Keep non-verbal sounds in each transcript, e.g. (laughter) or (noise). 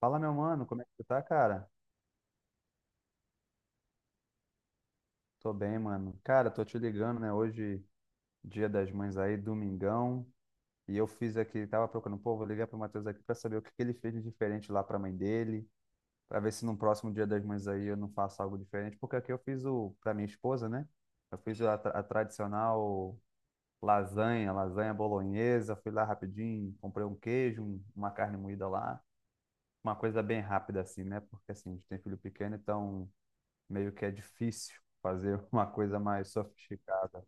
Fala, meu mano, como é que tu tá, cara? Tô bem, mano. Cara, tô te ligando, né? Hoje, dia das mães aí, domingão. E eu fiz aqui, tava procurando, pô, vou ligar pro Matheus aqui pra saber o que que ele fez de diferente lá pra mãe dele, pra ver se no próximo dia das mães aí eu não faço algo diferente, porque aqui eu fiz o, pra minha esposa, né? Eu fiz a, a tradicional lasanha, lasanha bolonhesa, fui lá rapidinho, comprei um queijo, uma carne moída lá, uma coisa bem rápida assim, né? Porque assim, a gente tem filho pequeno, então meio que é difícil fazer (laughs) uma coisa mais sofisticada.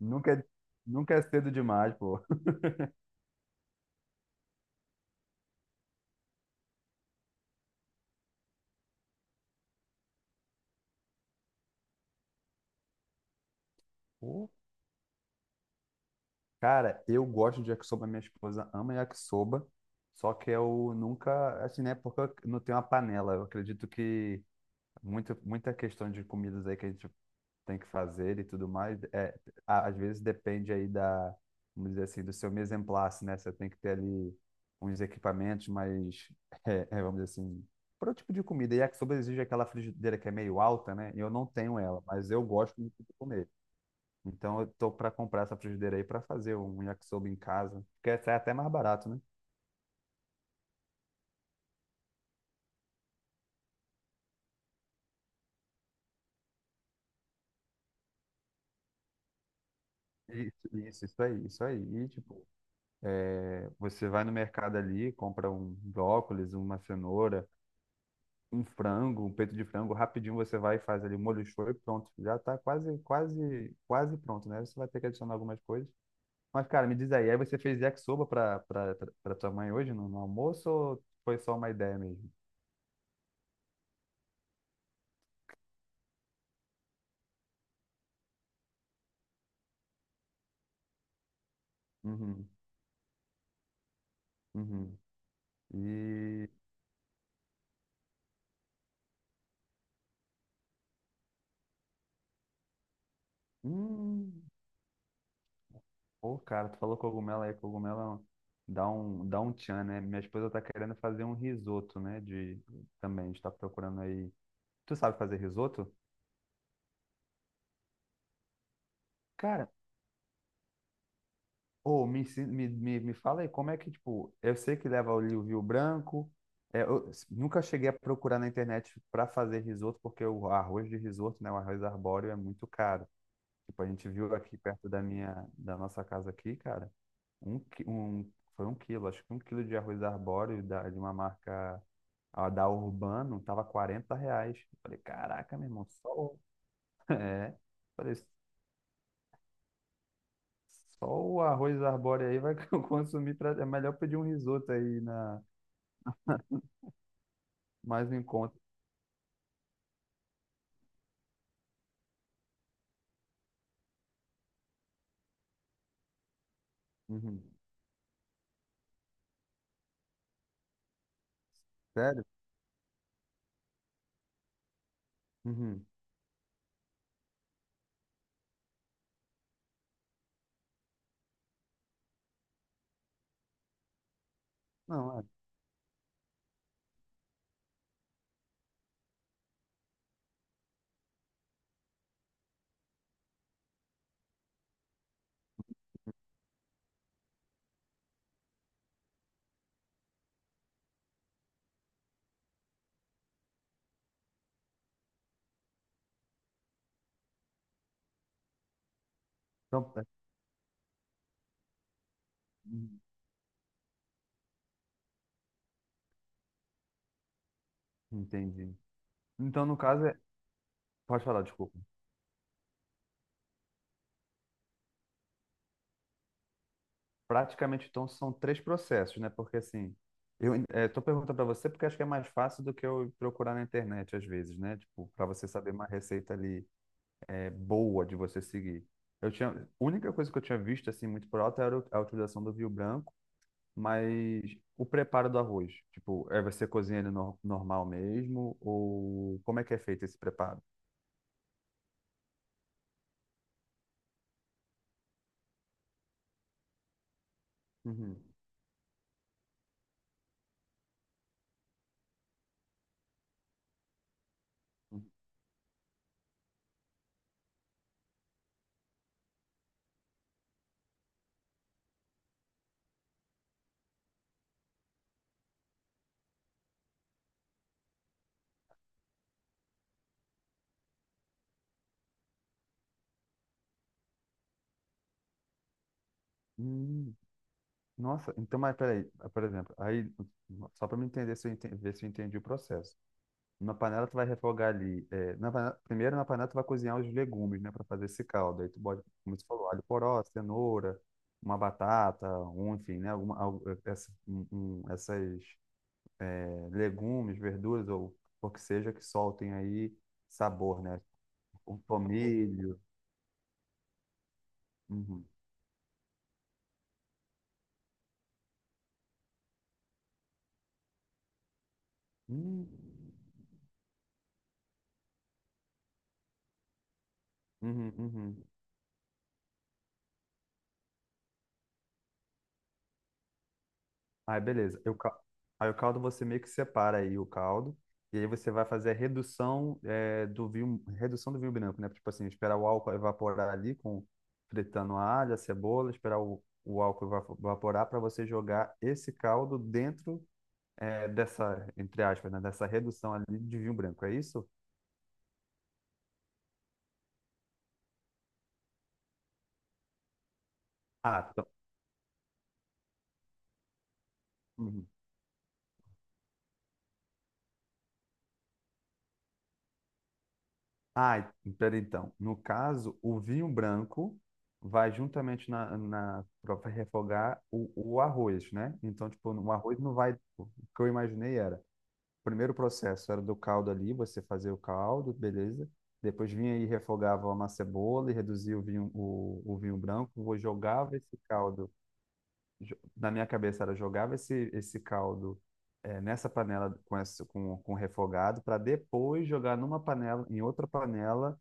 Nunca é, nunca é cedo demais, pô. Pô, cara, eu gosto de yakisoba, minha esposa ama yakisoba, só que eu nunca, assim, né, porque eu não tenho uma panela. Eu acredito que muita questão de comidas aí que a gente tem que fazer e tudo mais. É, às vezes depende aí da, vamos dizer assim, do seu mise en place, né? Você tem que ter ali uns equipamentos mais, (laughs) vamos dizer assim, para o tipo de comida. E a yakisoba exige aquela frigideira que é meio alta, né? E eu não tenho ela, mas eu gosto muito de comer. Então eu tô para comprar essa frigideira aí para fazer um yakisoba em casa, porque sai até mais barato, né? Isso aí, isso aí. E, tipo, é, você vai no mercado ali, compra um brócolis, uma cenoura, um frango, um peito de frango, rapidinho você vai e faz ali o molho show e pronto. Já tá quase pronto, né? Você vai ter que adicionar algumas coisas. Mas, cara, me diz aí, aí você fez yakisoba pra tua mãe hoje no almoço ou foi só uma ideia mesmo? Uhum, uhum. E... Hum, pô, cara, tu falou cogumelo aí, cogumelo dá um tchan, né? Minha esposa tá querendo fazer um risoto, né? De, também, a gente tá procurando aí... Tu sabe fazer risoto? Cara, ô, me, ensi- me fala aí, como é que, tipo, eu sei que leva ali o vinho branco, é, nunca cheguei a procurar na internet para fazer risoto, porque o arroz de risoto, né, o arroz arbóreo é muito caro. Tipo, a gente viu aqui perto da nossa casa aqui, cara, um, qui- um, foi um quilo, acho que um quilo de arroz arbóreo de uma marca a da Urbano, tava R$ 40. Eu falei, caraca, meu irmão, só... o-" (laughs) É, falei, só o arroz arbóreo aí vai (laughs) consumir. Pra... É melhor pedir um risoto aí na... mais no encontro. Uhum. Sério? Uhum. Não, é. Então, é. Uhum. Entendi. Então, no caso, é... pode falar, desculpa. Praticamente, então, são três processos, né? Porque assim, eu estou perguntando para você porque acho que é mais fácil do que eu procurar na internet às vezes, né? Tipo, para você saber uma receita ali é, boa de você seguir. Eu tinha... A única coisa que eu tinha visto, assim, muito por alto era a utilização do vinho branco. Mas o preparo do arroz, tipo, é você cozinha ele normal mesmo? Ou como é que é feito esse preparo? Uhum. Hum, nossa, então, mas peraí, por exemplo, aí, só para me entender se eu entendi, ver se eu entendi o processo. Na panela tu vai refogar ali, é, primeiro na panela tu vai cozinhar os legumes, né, para fazer esse caldo. Aí tu bota, como tu falou, alho poró, cenoura, uma batata, um, enfim, né, alguma, al- é, essa, um- essas legumes, verduras ou o que seja que soltem aí sabor, né? O tomilho. Uhum. Hum. Uhum, uhum. Aí, beleza. Aí o caldo você meio que separa aí o caldo e aí você vai fazer a redução é, do vinho, redução do vinho branco, né? Tipo assim, esperar o álcool evaporar ali com fritando a alho, a cebola, esperar o álcool evaporar para você jogar esse caldo dentro é, dessa, entre aspas, né? Dessa redução ali de vinho branco, é isso? Ah, então. Ah, pera então. No caso, o vinho branco vai juntamente na para refogar o arroz, né? Então, tipo, o arroz não vai. O que eu imaginei era, o primeiro processo era do caldo ali, você fazia o caldo, beleza? Depois vinha e refogava uma cebola e reduzia o vinho, o vinho branco, vou jogava esse caldo jo- na minha cabeça era jogava esse, esse caldo eh, nessa panela com, essa, com refogado para depois jogar numa panela, em outra panela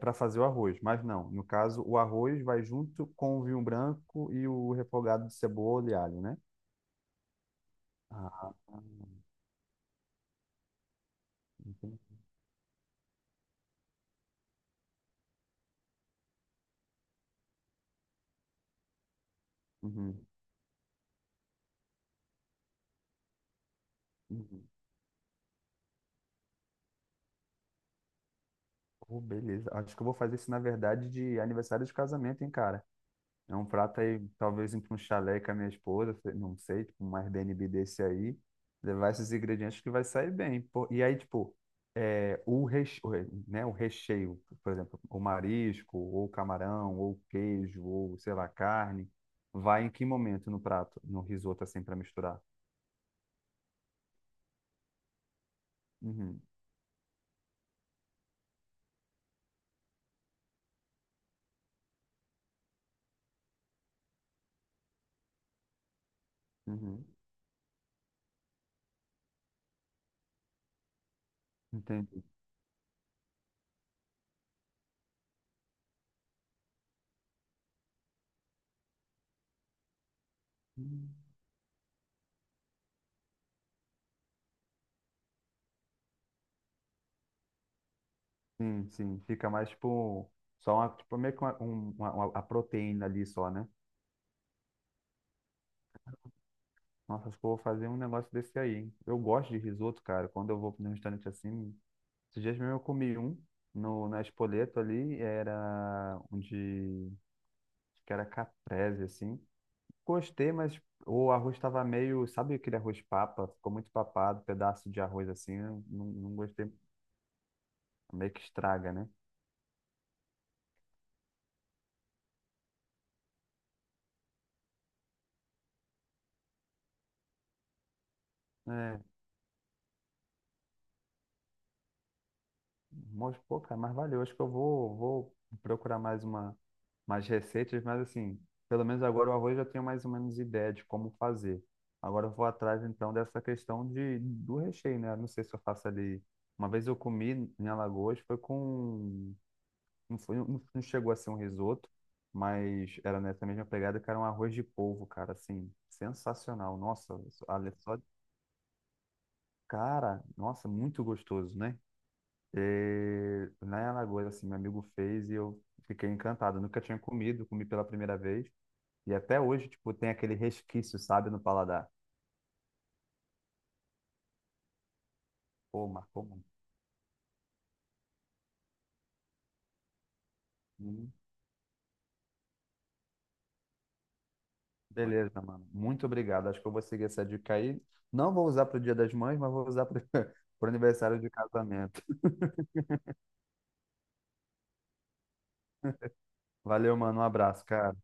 para fazer o arroz. Mas não, no caso, o arroz vai junto com o vinho branco e o refogado de cebola e alho, né? Ah, entendi. Uhum, uhum. Pô, beleza. Acho que eu vou fazer isso, na verdade, de aniversário de casamento, hein, cara? É um prato aí, talvez ir para um chalé com a minha esposa, sei- não sei, tipo, um Airbnb desse aí, levar esses ingredientes que vai sair bem. Pô. E aí, tipo, é, o reche- o re- né, o recheio, por exemplo, o marisco, ou camarão, ou queijo, ou sei lá, carne, vai em que momento no prato, no risoto assim para misturar? Uhum, uhum. Entendi. Hum. Sim, sim, fica mais tipo só uma, tipo, meio que uma a proteína ali só, né? Nossa, acho que eu vou fazer um negócio desse aí, hein? Eu gosto de risoto, cara. Quando eu vou num restaurante assim, esses dias mesmo eu comi um no, na Spoleto ali, era um de, acho que era caprese, assim. Gostei, mas o arroz estava meio, sabe aquele arroz papa? Ficou muito papado, pedaço de arroz assim, eu não, não gostei, meio que estraga, né? É, mas, pô, cara, mas valeu. Acho que eu vou procurar mais receitas, mas assim, pelo menos agora o arroz eu já tenho mais ou menos ideia de como fazer. Agora eu vou atrás então dessa questão de, do recheio, né? Não sei se eu faço ali. Uma vez eu comi em Alagoas, foi com. Não foi, não chegou a ser um risoto, mas era nessa mesma pegada que era um arroz de polvo, cara, assim, sensacional. Nossa, olha só. Cara, nossa, muito gostoso, né? E lá em Alagoas, assim, meu amigo fez e eu fiquei encantado. Nunca tinha comido, comi pela primeira vez. E até hoje, tipo, tem aquele resquício, sabe, no paladar. Pô, marcou muito. Hum. Beleza, mano. Muito obrigado. Acho que eu vou seguir essa dica aí. Não vou usar pro Dia das Mães, mas vou usar pro, (laughs) pro aniversário de casamento. Valeu, mano. Um abraço, cara.